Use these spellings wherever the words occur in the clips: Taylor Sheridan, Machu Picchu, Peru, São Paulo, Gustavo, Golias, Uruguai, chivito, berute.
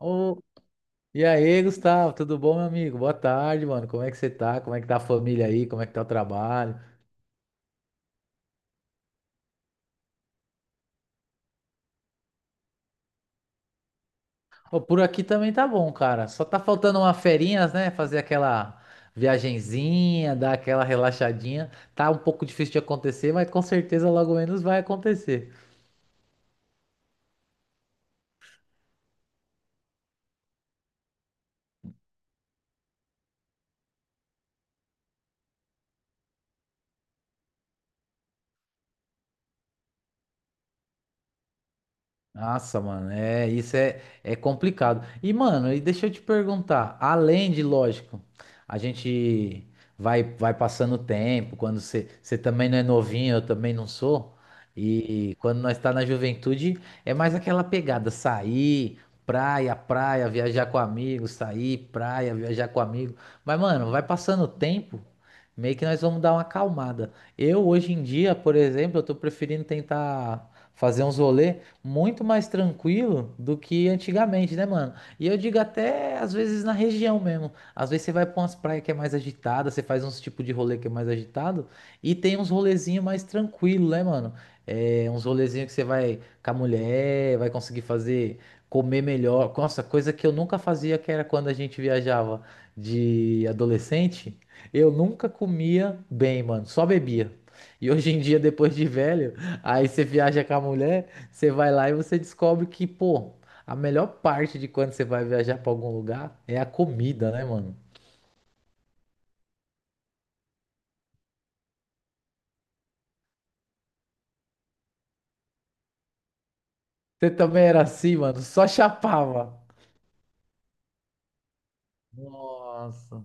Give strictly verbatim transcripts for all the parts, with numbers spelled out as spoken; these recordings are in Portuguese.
Ô, e aí, Gustavo, tudo bom, meu amigo? Boa tarde, mano. Como é que você tá? Como é que tá a família aí? Como é que tá o trabalho? Ô, por aqui também tá bom, cara. Só tá faltando uma ferinhas, né? Fazer aquela viagenzinha, dar aquela relaxadinha. Tá um pouco difícil de acontecer, mas com certeza logo menos vai acontecer. Nossa, mano, é, isso é, é complicado. E, mano, e deixa eu te perguntar, além de, lógico, a gente vai vai passando o tempo, quando você você também não é novinho, eu também não sou, e quando nós tá na juventude, é mais aquela pegada, sair, praia, praia, viajar com amigos, sair, praia, viajar com amigo. Mas, mano, vai passando o tempo, meio que nós vamos dar uma acalmada. Eu, hoje em dia, por exemplo, eu tô preferindo tentar fazer uns rolê muito mais tranquilo do que antigamente, né, mano? E eu digo até às vezes na região mesmo. Às vezes você vai pra umas praias que é mais agitada, você faz uns tipo de rolê que é mais agitado e tem uns rolezinhos mais tranquilo, né, mano? É, uns rolezinhos que você vai com a mulher, vai conseguir fazer, comer melhor. Nossa, coisa que eu nunca fazia, que era quando a gente viajava de adolescente, eu nunca comia bem, mano, só bebia. E hoje em dia, depois de velho, aí você viaja com a mulher, você vai lá e você descobre que, pô, a melhor parte de quando você vai viajar pra algum lugar é a comida, né, mano? Você também era assim, mano, só chapava. Nossa.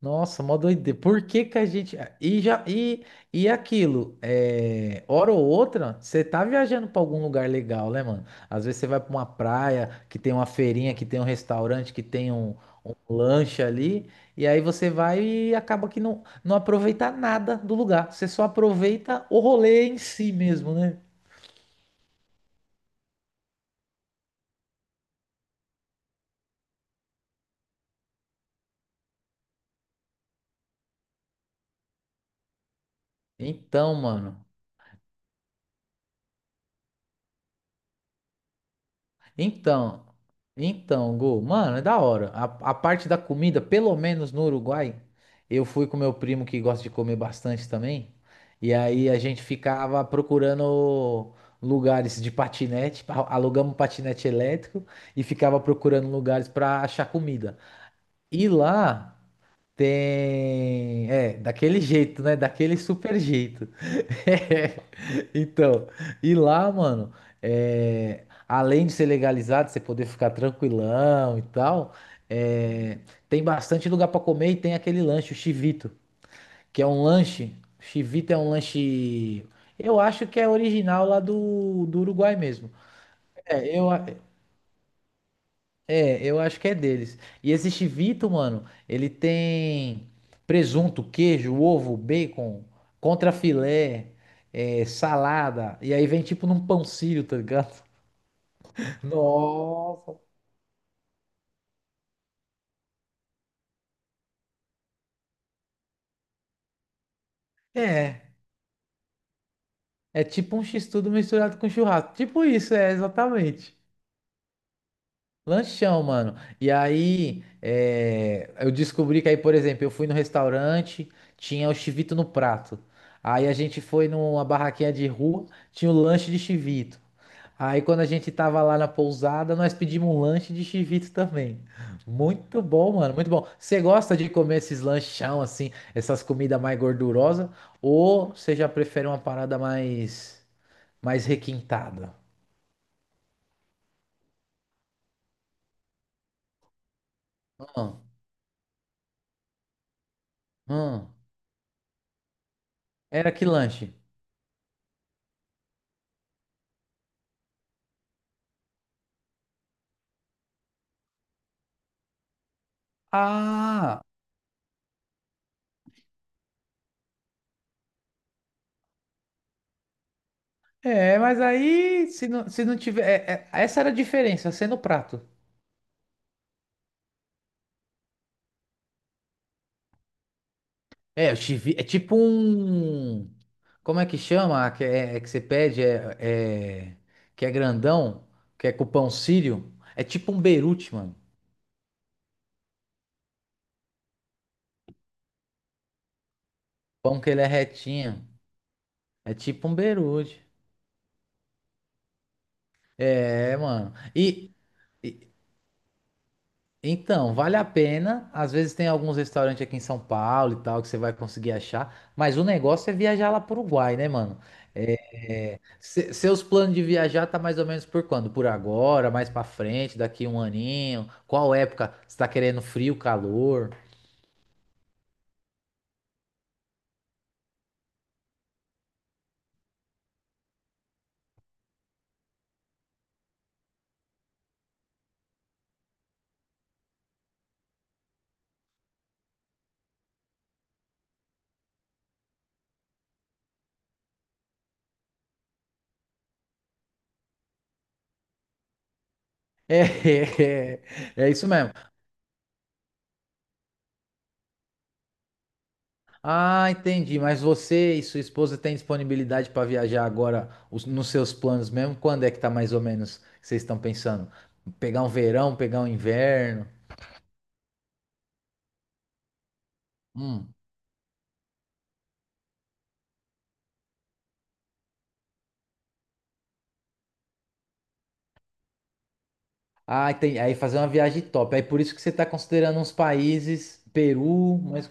Nossa, mó doideira. Por que que a gente. Ah, E já e, e aquilo, é... hora ou outra, você tá viajando pra algum lugar legal, né, mano? Às vezes você vai pra uma praia que tem uma feirinha, que tem um restaurante, que tem um, um lanche ali, e aí você vai e acaba que não, não aproveita nada do lugar. Você só aproveita o rolê em si mesmo, né? Então, mano. Então, então, Gu, mano, é da hora. A, a parte da comida, pelo menos no Uruguai, eu fui com meu primo que gosta de comer bastante também. E aí a gente ficava procurando lugares de patinete, pa- alugamos um patinete elétrico e ficava procurando lugares pra achar comida. E lá tem. É, daquele jeito, né? Daquele super jeito. É, Então, e lá, mano, é, além de ser legalizado, você poder ficar tranquilão e tal, é, tem bastante lugar pra comer e tem aquele lanche, o chivito, que é um lanche. Chivito é um lanche. Eu acho que é original lá do, do Uruguai mesmo. É, eu, é, eu acho que é deles. E esse chivito, mano, ele tem presunto, queijo, ovo, bacon, contrafilé, é, salada. E aí vem tipo num pão sírio, tá ligado? Nossa. É, é tipo um x-tudo misturado com churrasco. Tipo isso, é, exatamente. Lanchão, mano. E aí, é, eu descobri que aí, por exemplo, eu fui no restaurante, tinha o chivito no prato. Aí a gente foi numa barraquinha de rua, tinha o lanche de chivito. Aí quando a gente tava lá na pousada, nós pedimos um lanche de chivito também. Muito bom, mano, muito bom. Você gosta de comer esses lanchão assim, essas comidas mais gordurosas, ou você já prefere uma parada mais mais requintada? Hum, hum. Era que lanche? Ah, é, mas aí se não, se não tiver. é- é- essa era a diferença, ser no prato. É, o chivi é tipo um. Como é que chama? Que, é, é que você pede, é, é- que é grandão, que é com pão sírio. É tipo um berute, mano. Pão que ele é retinho. É tipo um berute. É, mano. E, e- Então, vale a pena. Às vezes tem alguns restaurantes aqui em São Paulo e tal que você vai conseguir achar, mas o negócio é viajar lá para o Uruguai, né, mano? É, é, se- seus planos de viajar tá mais ou menos por quando? Por agora, mais para frente, daqui um aninho? Qual época? Você tá querendo frio, calor? É. é, é isso mesmo. Ah, entendi. Mas você e sua esposa têm disponibilidade para viajar agora os- nos seus planos mesmo? Quando é que tá mais ou menos que vocês estão pensando? Pegar um verão, pegar um inverno? Hum. Ah, entendi. Aí fazer uma viagem top. Aí por isso que você tá considerando uns países, Peru, mas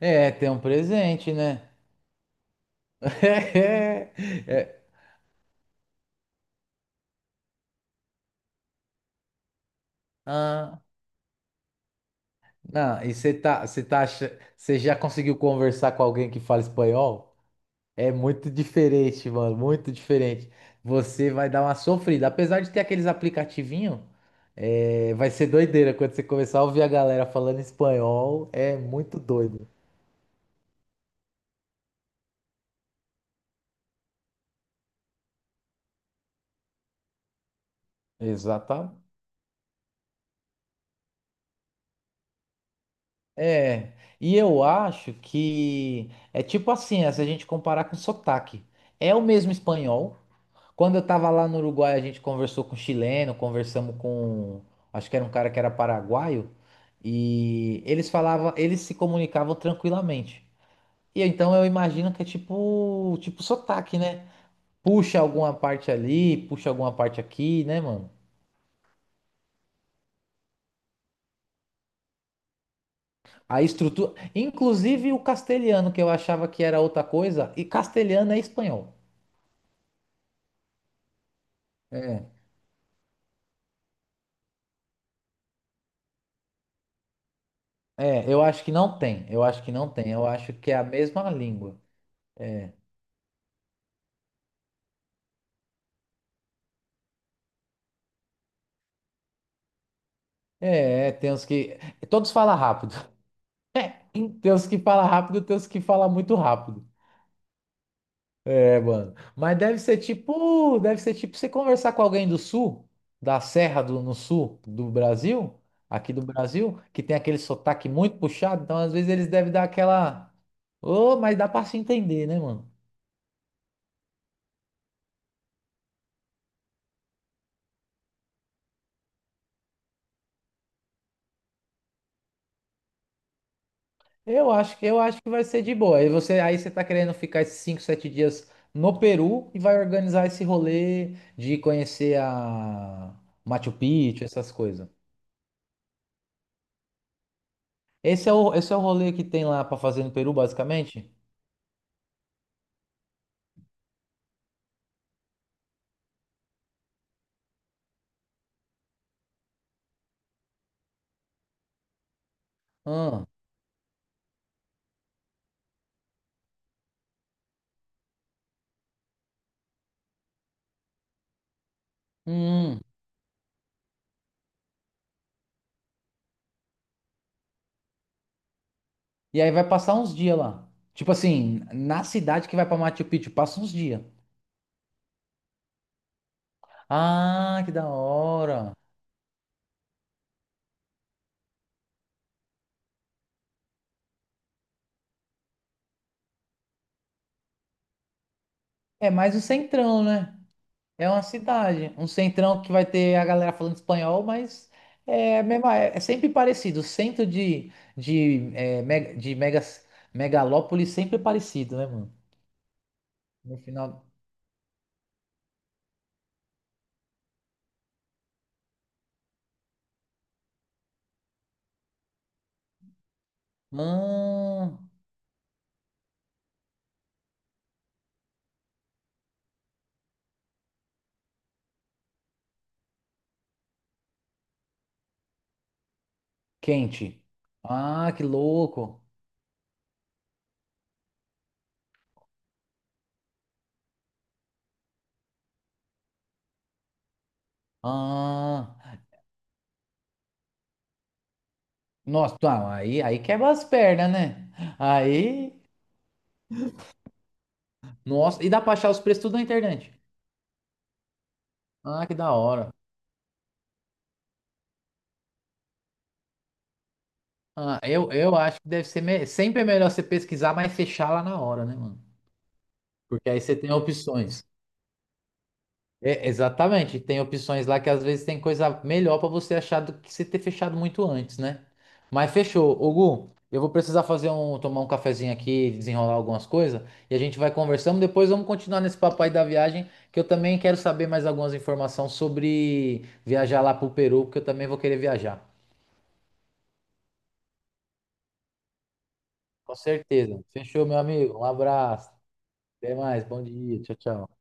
é, tem um presente, né? É. Ah, não, e você tá, você tá, acha- você já conseguiu conversar com alguém que fala espanhol? É muito diferente, mano, muito diferente. Você vai dar uma sofrida. Apesar de ter aqueles aplicativinhos, vai ser doideira quando você começar a ouvir a galera falando espanhol. É muito doido. Exata. É. E eu acho que é tipo assim, é, se a gente comparar com sotaque. É o mesmo espanhol. Quando eu tava lá no Uruguai, a gente conversou com chileno, conversamos com, acho que era um cara que era paraguaio, e eles falavam, eles se comunicavam tranquilamente. E então eu imagino que é tipo, tipo, sotaque, né? Puxa alguma parte ali, puxa alguma parte aqui, né, mano? A estrutura, inclusive o castelhano que eu achava que era outra coisa, e castelhano é espanhol. É, eu acho que não tem. Eu acho que não tem. Eu acho que é a mesma língua. É, é, tem uns que todos falam rápido. É, tem uns que falam rápido, tem uns que falam muito rápido. É, mano. Mas deve ser tipo, deve ser tipo você conversar com alguém do sul, da Serra do no sul do Brasil, aqui do Brasil, que tem aquele sotaque muito puxado, então às vezes eles devem dar aquela, ô, mas dá pra se entender, né, mano? Eu acho que eu acho que vai ser de boa. Aí você, aí você tá querendo ficar esses cinco, sete dias no Peru e vai organizar esse rolê de conhecer a Machu Picchu, essas coisas. Esse é o, esse é o rolê que tem lá pra fazer no Peru, basicamente? Ah. Hum. Hum. E aí vai passar uns dias lá. Tipo assim, na cidade que vai pra Machu Picchu, passa uns dias. Ah, que da hora. É mais um centrão, né? É uma cidade. Um centrão que vai ter a galera falando espanhol, mas é, mesmo, é, é sempre parecido. O centro de, de, é, mega, de megas, megalópole sempre é parecido, né, mano? No final. Ah, quente. Ah, que louco. Ah. Nossa, tá, aí, aí quebra as pernas, né? Aí. Nossa, e dá pra achar os preços tudo na internet. Ah, que da hora. Ah, eu, eu acho que deve ser me- sempre é melhor você pesquisar, mas fechar lá na hora, né, mano? Porque aí você tem opções. É, exatamente, tem opções lá que às vezes tem coisa melhor pra você achar do que você ter fechado muito antes, né? Mas fechou. Ô, Gu, eu vou precisar fazer um, tomar um cafezinho aqui, desenrolar algumas coisas, e a gente vai conversando. Depois vamos continuar nesse papo aí da viagem, que eu também quero saber mais algumas informações sobre viajar lá pro Peru, porque eu também vou querer viajar. Com certeza. Fechou, meu amigo. Um abraço. Até mais. Bom dia. Tchau, tchau.